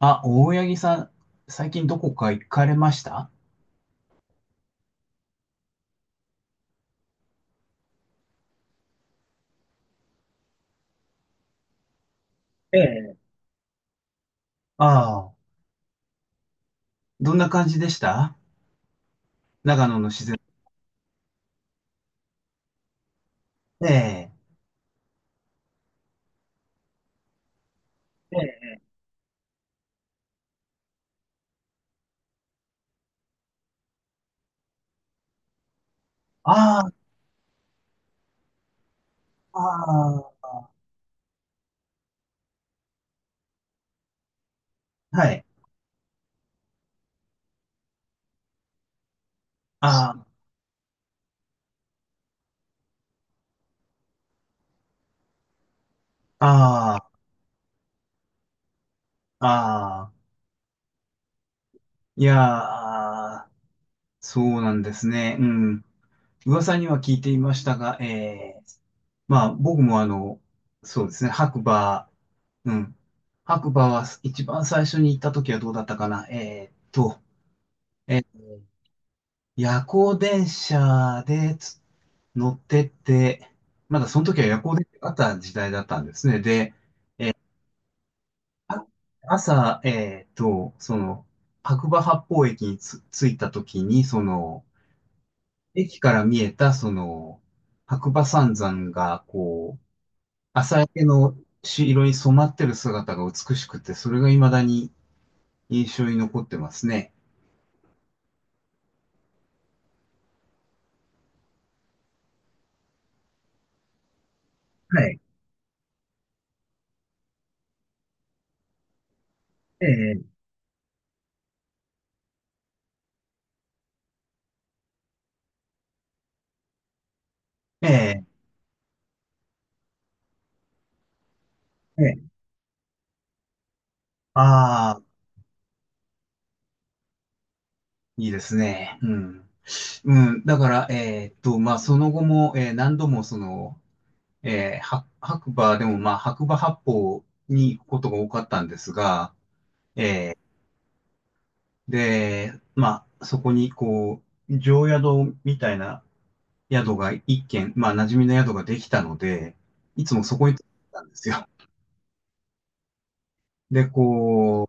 あ、大八木さん、最近どこか行かれました？ええ。ああ、どんな感じでした？長野の自然。ええ。ええ。ああ。ああ、はい。ああ。ああ。ああ。いやー、そうなんですね。うん。噂には聞いていましたが、ええ。まあ、僕もそうですね、白馬、うん。白馬は一番最初に行った時はどうだったかな、ええ、夜行電車で乗ってって、まだその時は夜行電車があった時代だったんですね。で、あ、朝、白馬八方駅に着いた時に、駅から見えた、白馬三山が、こう、朝焼けの色に染まってる姿が美しくて、それが未だに印象に残ってますね。はい。ええ。ええ。ええ。ああ。いいですね。うん。うん、だから、まあ、その後も、何度も、えーは白馬でも、まあ、白馬八方に行くことが多かったんですが、で、まあ、そこに、こう、常宿みたいな宿が一軒、まあ、馴染みの宿ができたので、いつもそこに行ってたんですよ。で、こ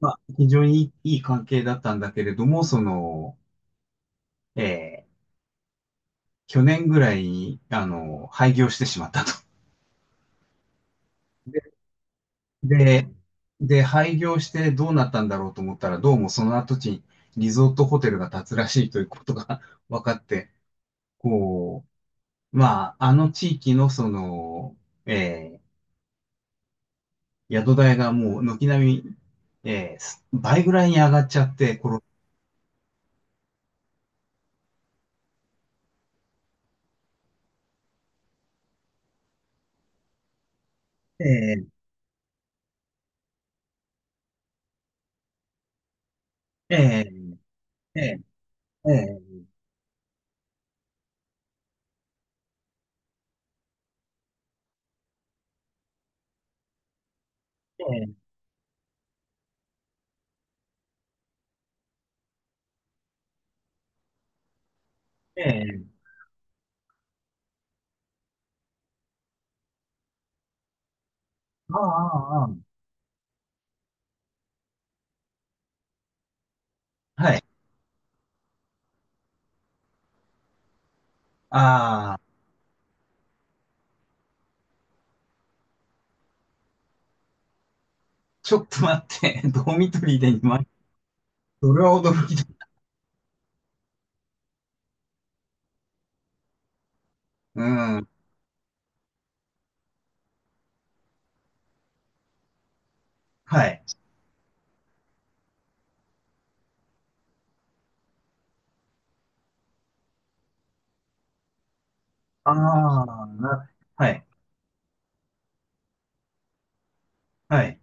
う、まあ、非常にいい関係だったんだけれども、えー去年ぐらいに、廃業してしまったと。で、で、廃業してどうなったんだろうと思ったら、どうもその跡地にリゾートホテルが建つらしいということが 分かって、こう、まあ、あの地域のえー宿代がもう軒並み、倍ぐらいに上がっちゃって、この、えーえーえーえーえーえーああ、あー、あー、はい、ああ、ちょっと待って、ドミトリーでま万、それは驚きだ。うん、はい。ああ、はい。はい。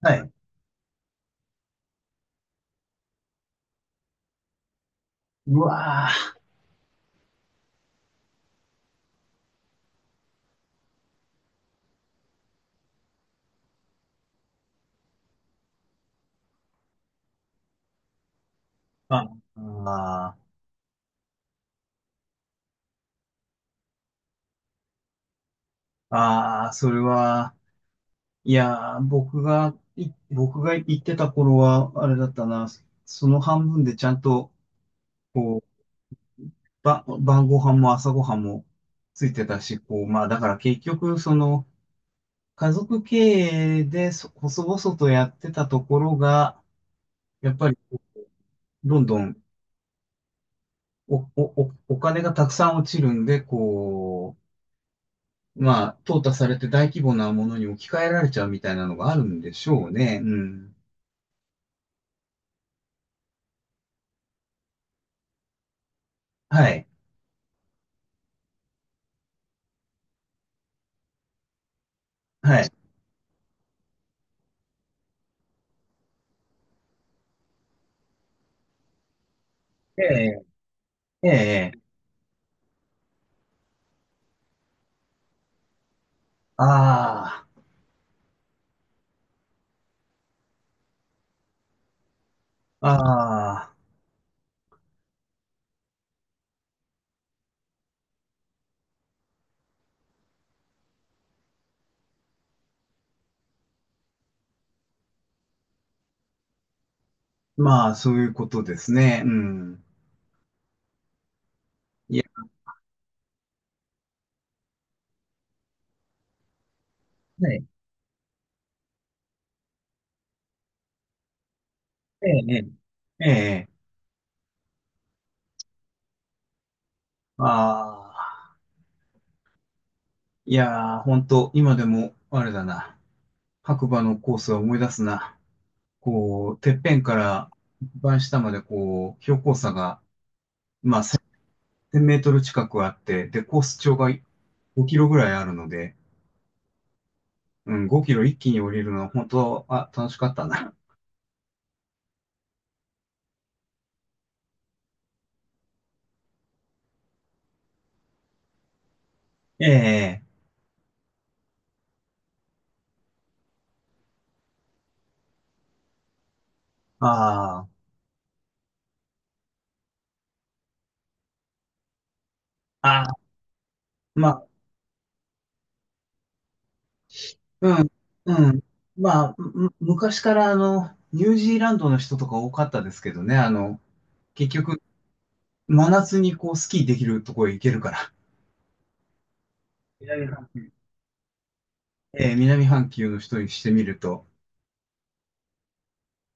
はい。うわー。ああー、あー、それは、いやー、僕が行ってた頃は、あれだったな、その半分でちゃんと、こう、晩ご飯も朝ご飯もついてたし、こう、まあ、だから結局、その、家族経営で、細々とやってたところが、やっぱり、どんどん、お金がたくさん落ちるんで、こう、まあ、淘汰されて大規模なものに置き換えられちゃうみたいなのがあるんでしょうね。うん。はい。はい。ええ。ええ。ああ。ああ。まあ、そういうことですね。うん。いや、はい。ええ。ええ。ええ。ああ。いやー、ほんと、今でも、あれだな。白馬のコースは思い出すな。こう、てっぺんから一番下まで、こう、標高差が、まあ、1000メートル近くあって、で、コース長が5キロぐらいあるので、うん、5キロ一気に降りるのは本当、あ、楽しかったな。ええ、ああ。ああ。まあ、うん、うん。まあ、昔からニュージーランドの人とか多かったですけどね、結局、真夏にこう、スキーできるとこへ行けるから。南半球。ええ、南半球の人にしてみると、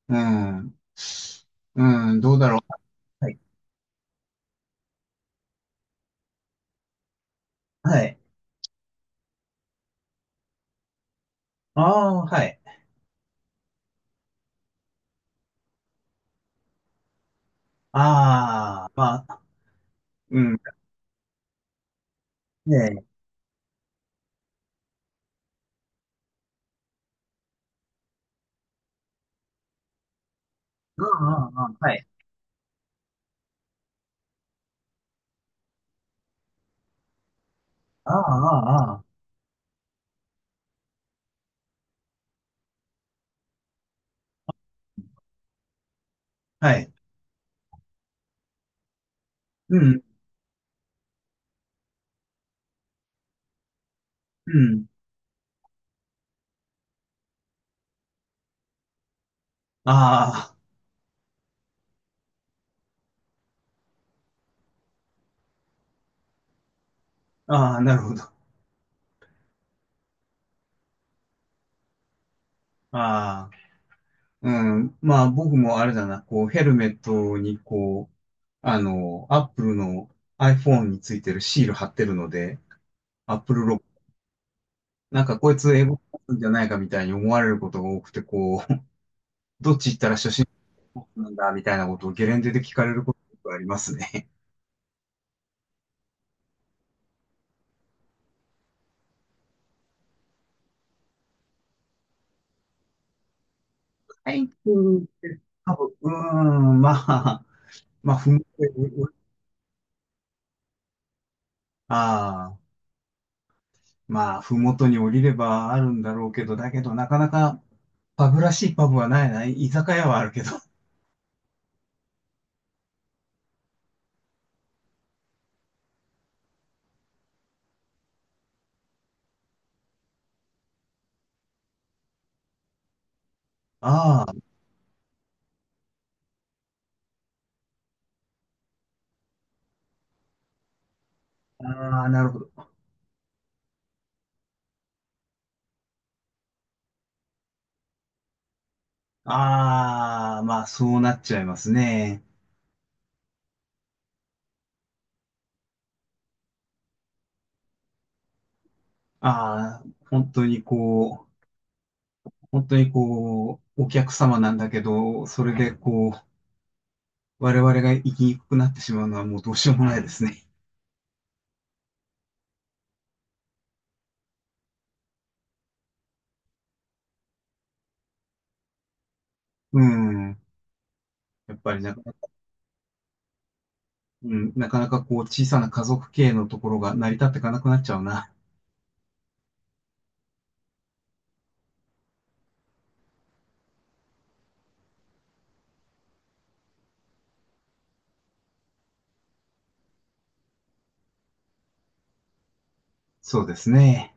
うん、うん、どうだろう。はい。はい。ああ、はい。ああ。まあ、うん。ねえ。ああ。ああ、はい。ああ。ああ。ああ、はい。うん、うん。ああ。ああ、はい、うん、うん、ああ、ああ、なるほど。ああ。うん。まあ、僕もあれだな、こう、ヘルメットに、こう、あの、アップルの iPhone についてるシール貼ってるので、アップルロゴ、なんかこいつ英語なんじゃないかみたいに思われることが多くて、こう、どっち行ったら初心者なんだみたいなことをゲレンデで聞かれることがありますね。はい、うん、多分、うーん、まあ、まあ、ふもとに、ああ、まあ、ふもとに降りればあるんだろうけど、だけど、なかなか、パブらしいパブはないな。居酒屋はあるけど。ああ。ああ、なるほど。ああ、まあ、そうなっちゃいますね。ああ、本当にこう、本当にこう、お客様なんだけど、それでこう、我々が生きにくくなってしまうのはもうどうしようもないですね。うん。やっぱりなかなか、うん、なかなかこう、小さな家族経営のところが成り立っていかなくなっちゃうな。そうですね。